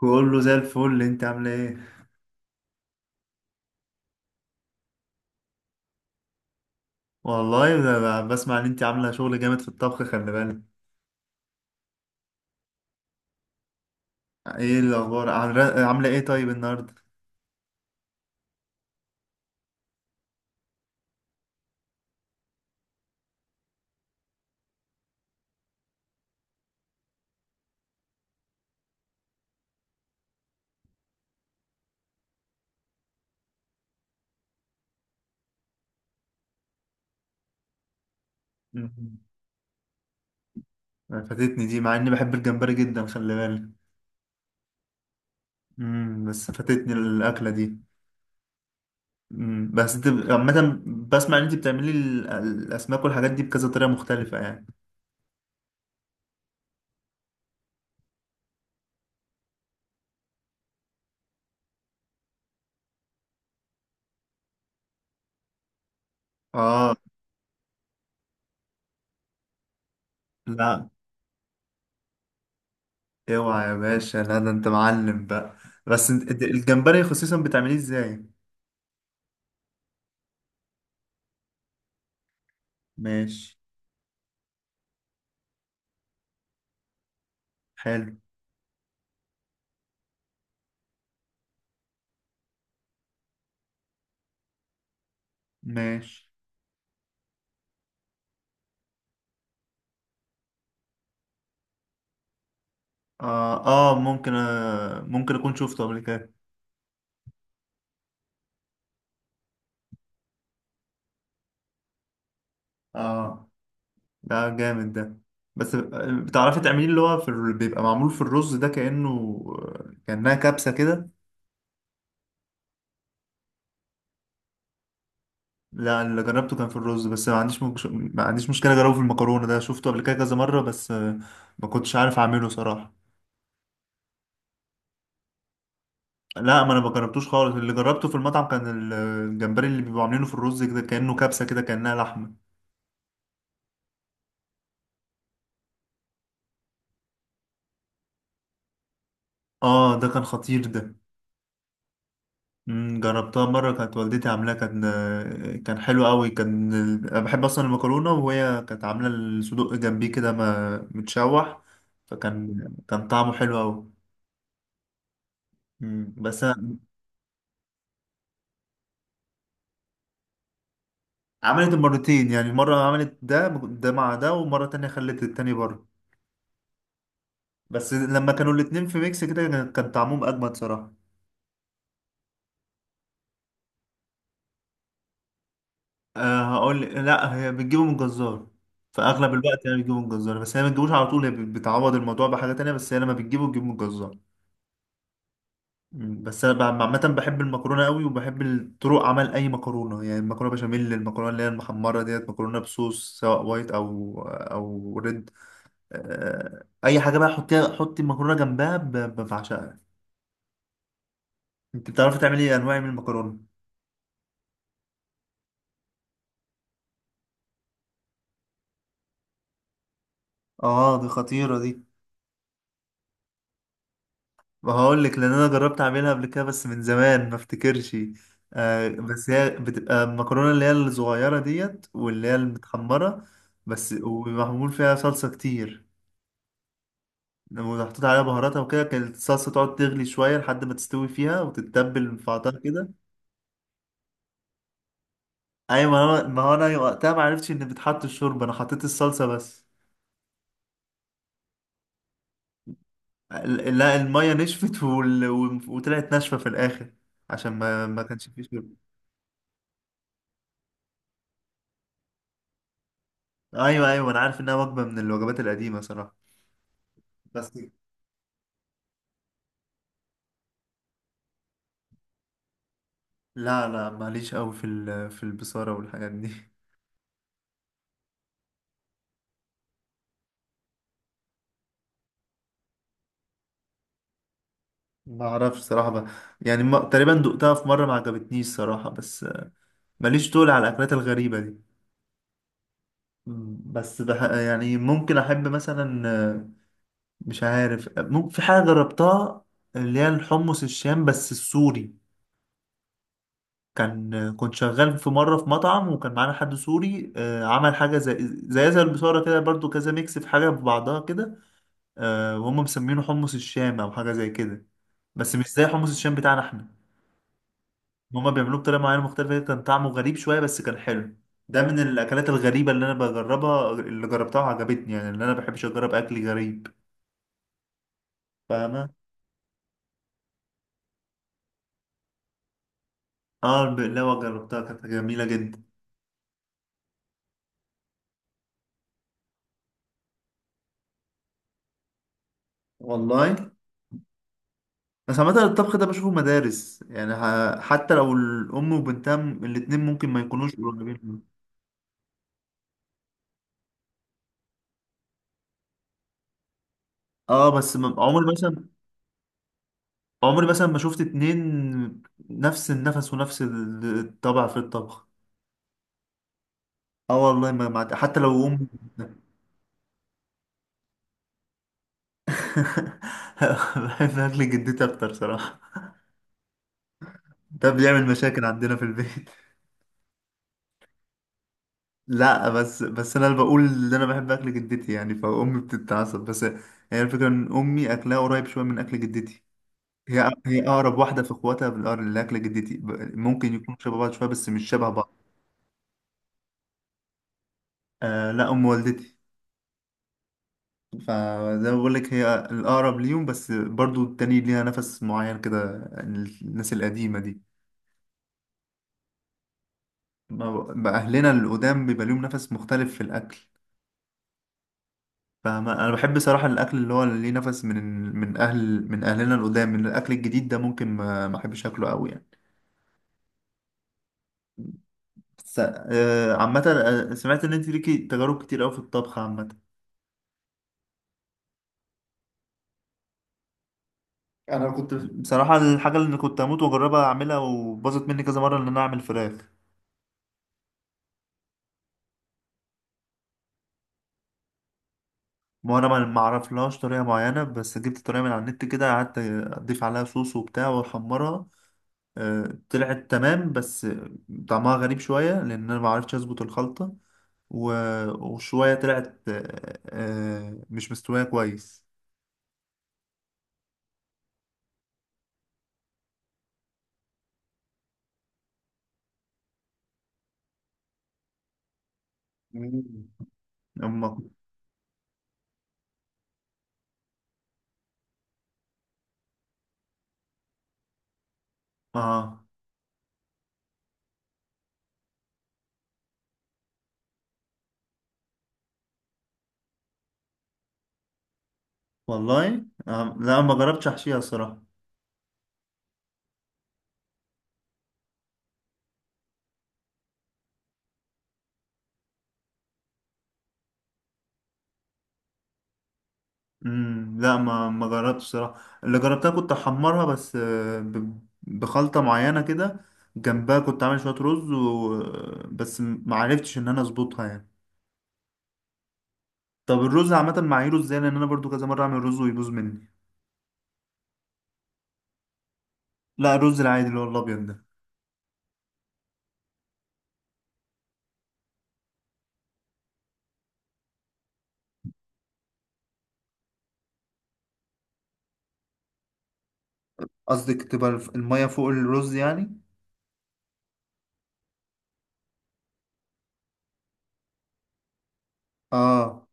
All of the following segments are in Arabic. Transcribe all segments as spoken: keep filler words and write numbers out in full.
كله زي الفل. انت عامله ايه؟ والله ده ب- بسمع ان انت عامله شغل جامد في الطبخ، خلي بالك. ايه الاخبار؟ عامله عاملة ايه طيب النهارده؟ مم. فاتتني دي مع اني بحب الجمبري جدا، خلي بالك. امم بس فاتتني الاكله دي. امم بس انت ب- عامه بسمع ان انت بتعملي ال- الاسماك والحاجات دي بكذا طريقه مختلفه يعني. اه. لا اوعى يا باشا، لا ده انت معلم بقى. بس انت انت الجمبري خصيصا بتعمليه ازاي؟ ماشي. حلو. ماشي. آه, آه ممكن آه ممكن أكون شفته قبل كده. آه ده جامد ده. بس آه، بتعرفي تعمليه اللي هو في ال... بيبقى معمول في الرز ده كأنه آه، كأنها كبسة كده. لا اللي جربته كان في الرز بس ما عنديش مكش... ما عنديش مشكلة أجربه في المكرونة، ده شفته قبل كده كذا مرة بس آه، ما كنتش عارف أعمله صراحة. لا ما أنا ما جربتوش خالص، اللي جربته في المطعم كان ال- الجمبري اللي بيبقوا عاملينه في الرز كده كأنه كبسة كده كأنها لحمة. آه ده كان خطير ده. مم، جربتها مرة كانت والدتي عاملاها، كان كان حلو قوي. كان أنا بحب أصلا المكرونة، وهي كانت عاملة الصدوق جنبيه كده ما متشوح، فكان كان طعمه حلو قوي. مم، بس أنا- عملت مرتين يعني، مرة عملت ده ده مع ده، ومرة تانية خلت التاني بره. بس لما كانوا الاتنين في ميكس كده كان كان طعمهم أجمد صراحة. أه هقول لا، هي بتجيبه من الجزار. في أغلب الوقت هي بتجيبه من الجزار، بس هي ما بتجيبوش على طول، هي بتعوض الموضوع بحاجة تانية، بس هي لما بتجيبه بتجيبه من الجزار. مم. بس انا بع- عامه بحب المكرونه قوي، وبحب طرق عمل اي مكرونه، يعني المكرونه بشاميل، المكرونه اللي هي المحمره ديت، مكرونه بصوص سواء وايت او او ريد. آه، اي حاجه بقى، حطيها حطي المكرونه جنبها ب- ب- بعشقها. انت بتعرفي تعملي انواع من المكرونه؟ اه دي خطيره دي. وهقول لك، لان انا جربت اعملها قبل كده بس من زمان، ما افتكرش. آه بس هي بتبقى المكرونه اللي هي الصغيره ديت، واللي هي المتحمره، بس ومعمول فيها صلصه كتير. لما محطوط عليها بهاراتها وكده، كانت الصلصة تقعد تغلي شوية لحد ما تستوي فيها وتتبل في بعضها كده. أيوة، ما هو ما هو أنا وقتها ما عرفتش إن بتحط الشوربة، أنا حطيت الصلصة بس. ال- لا المية نشفت وال... وم- وطلعت ناشفة في الآخر، عشان ما ما كانش فيه شوربة. أيوة أيوة، أنا عارف إنها وجبة من الوجبات القديمة صراحة. بس لا، لا ماليش قوي في ال... في البصارة والحاجات دي ما اعرفش صراحة بقى. يعني ما... تقريبا دقتها في مرة ما عجبتنيش صراحة، بس ماليش طول على الأكلات الغريبة دي. بس بح يعني، ممكن احب مثلا آه، مش عارف، آه، ممكن في حاجه جربتها اللي هي الحمص الشام بس السوري. كان آه، كنت شغال في مره في مطعم وكان معانا حد سوري، آه، عمل حاجه زي زي زي البصاره كده برضو، كذا ميكس في حاجه في بعضها كده. آه، وهم مسمينه حمص الشام او حاجه زي كده، بس مش زي حمص الشام بتاعنا احنا. هما بيعملوه بطريقه معينه مختلفه، كان طعمه غريب شويه بس كان حلو. ده من الاكلات الغريبه اللي انا بجربها، اللي جربتها وعجبتني يعني، اللي انا بحبش اجرب اكل غريب. فاهمة؟ اه البقلاوة جربتها كانت جميلة جدا. والله. بس عامة الطبخ ده بشوفه مدارس، يعني ح- حتى لو الأم وبنتها م- الاتنين ممكن ما يكونوش قريبين من-. اه بس م- عمري مثلا عمري مثلا ما شفت اتنين نفس النفس ونفس ال- الطبع في الطبخ. اه والله ما ما- حتى لو أم. بحب أكل جدتي أكتر صراحة، ده بيعمل مشاكل عندنا في البيت. لا بس بس انا اللي بقول ان انا بحب اكل جدتي يعني فامي بتتعصب، بس هي الفكره ان امي اكلها قريب شويه من اكل جدتي. هي هي اقرب واحده في اخواتها بالأقر- لاكل جدتي، ب- ممكن يكون شبه بعض شويه بس مش شبه بعض. آه لا ام والدتي. فزي ما بقول لك هي الاقرب ليهم، بس برضو التاني ليها نفس معين كده، الناس القديمه دي. ما- بقى اهلنا القدام بيبقى ليهم نفس مختلف في الاكل. فاهمة؟ انا بحب صراحة الاكل اللي هو اللي ليه نفس من من اهل من اهلنا القدام. من الاكل الجديد ده ممكن ما ما احبش اكله قوي يعني. بس آه، عامة، آه، سمعت ان انت ليكي تجارب كتير قوي في الطبخ عامة. انا كنت بصراحة الحاجة اللي كنت اموت واجربها اعملها وباظت مني كذا مرة، ان انا اعمل فراخ. ما انا ما ما اعرفلهاش طريقة معينة، بس جبت طريقة من على النت كده، قعدت اضيف عليها صوص وبتاع واحمرها. آه، طلعت تمام بس طعمها غريب شوية، لان انا ما عرفتش اظبط الخلطة. و- وشوية طلعت آه، آه، مش مستوية كويس. مم. أما آه والله آه. لا ما جربتش أحشيها صراحة. مم. لا ما ما جربتش صراحة، اللي جربتها كنت أحمرها بس آه، ب- بخلطة معينة كده، جنبها كنت عامل شوية رز و... آه، بس ما عرفتش إن أنا أظبطها يعني. طب الرز عامة معاييره إزاي؟ لأن أنا برضو كذا مرة أعمل رز ويبوظ مني. لا الرز العادي اللي هو الأبيض ده. قصدك تبقى الف- المية فوق الرز يعني؟ آه،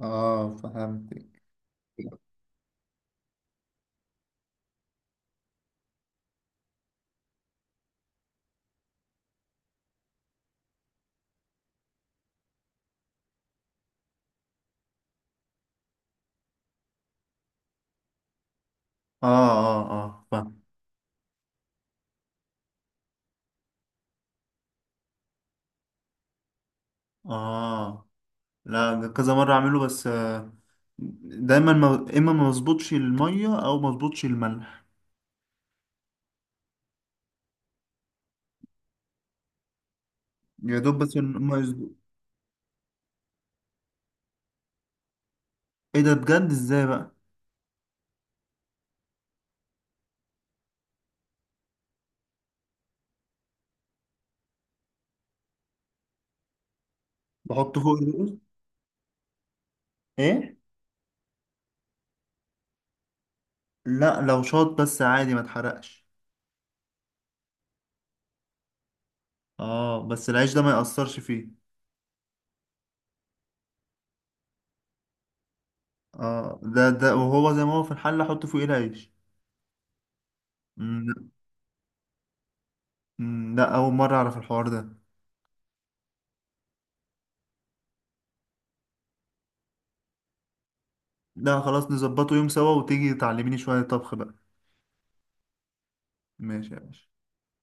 اه فهمتك. اه اه اه فاهم. اه لا ده كذا مرة اعمله بس آه، دايما ما اما ما مظبوطش المية، او ما مظبوطش الملح. يا دوب بس إن ما يظبط. ايه ده بجد؟ ازاي بقى؟ بحط فوق الرز؟ ايه؟ لا لو شاط بس عادي ما اتحرقش. اه بس العيش ده ما يأثرش فيه؟ اه ده ده وهو زي ما هو في الحلة احط فوقيه العيش؟ مم، لا مم، لا، اول مرة اعرف الحوار ده. لا خلاص، نظبطه يوم سوا وتيجي تعلميني شوية طبخ بقى. ماشي يا باشا.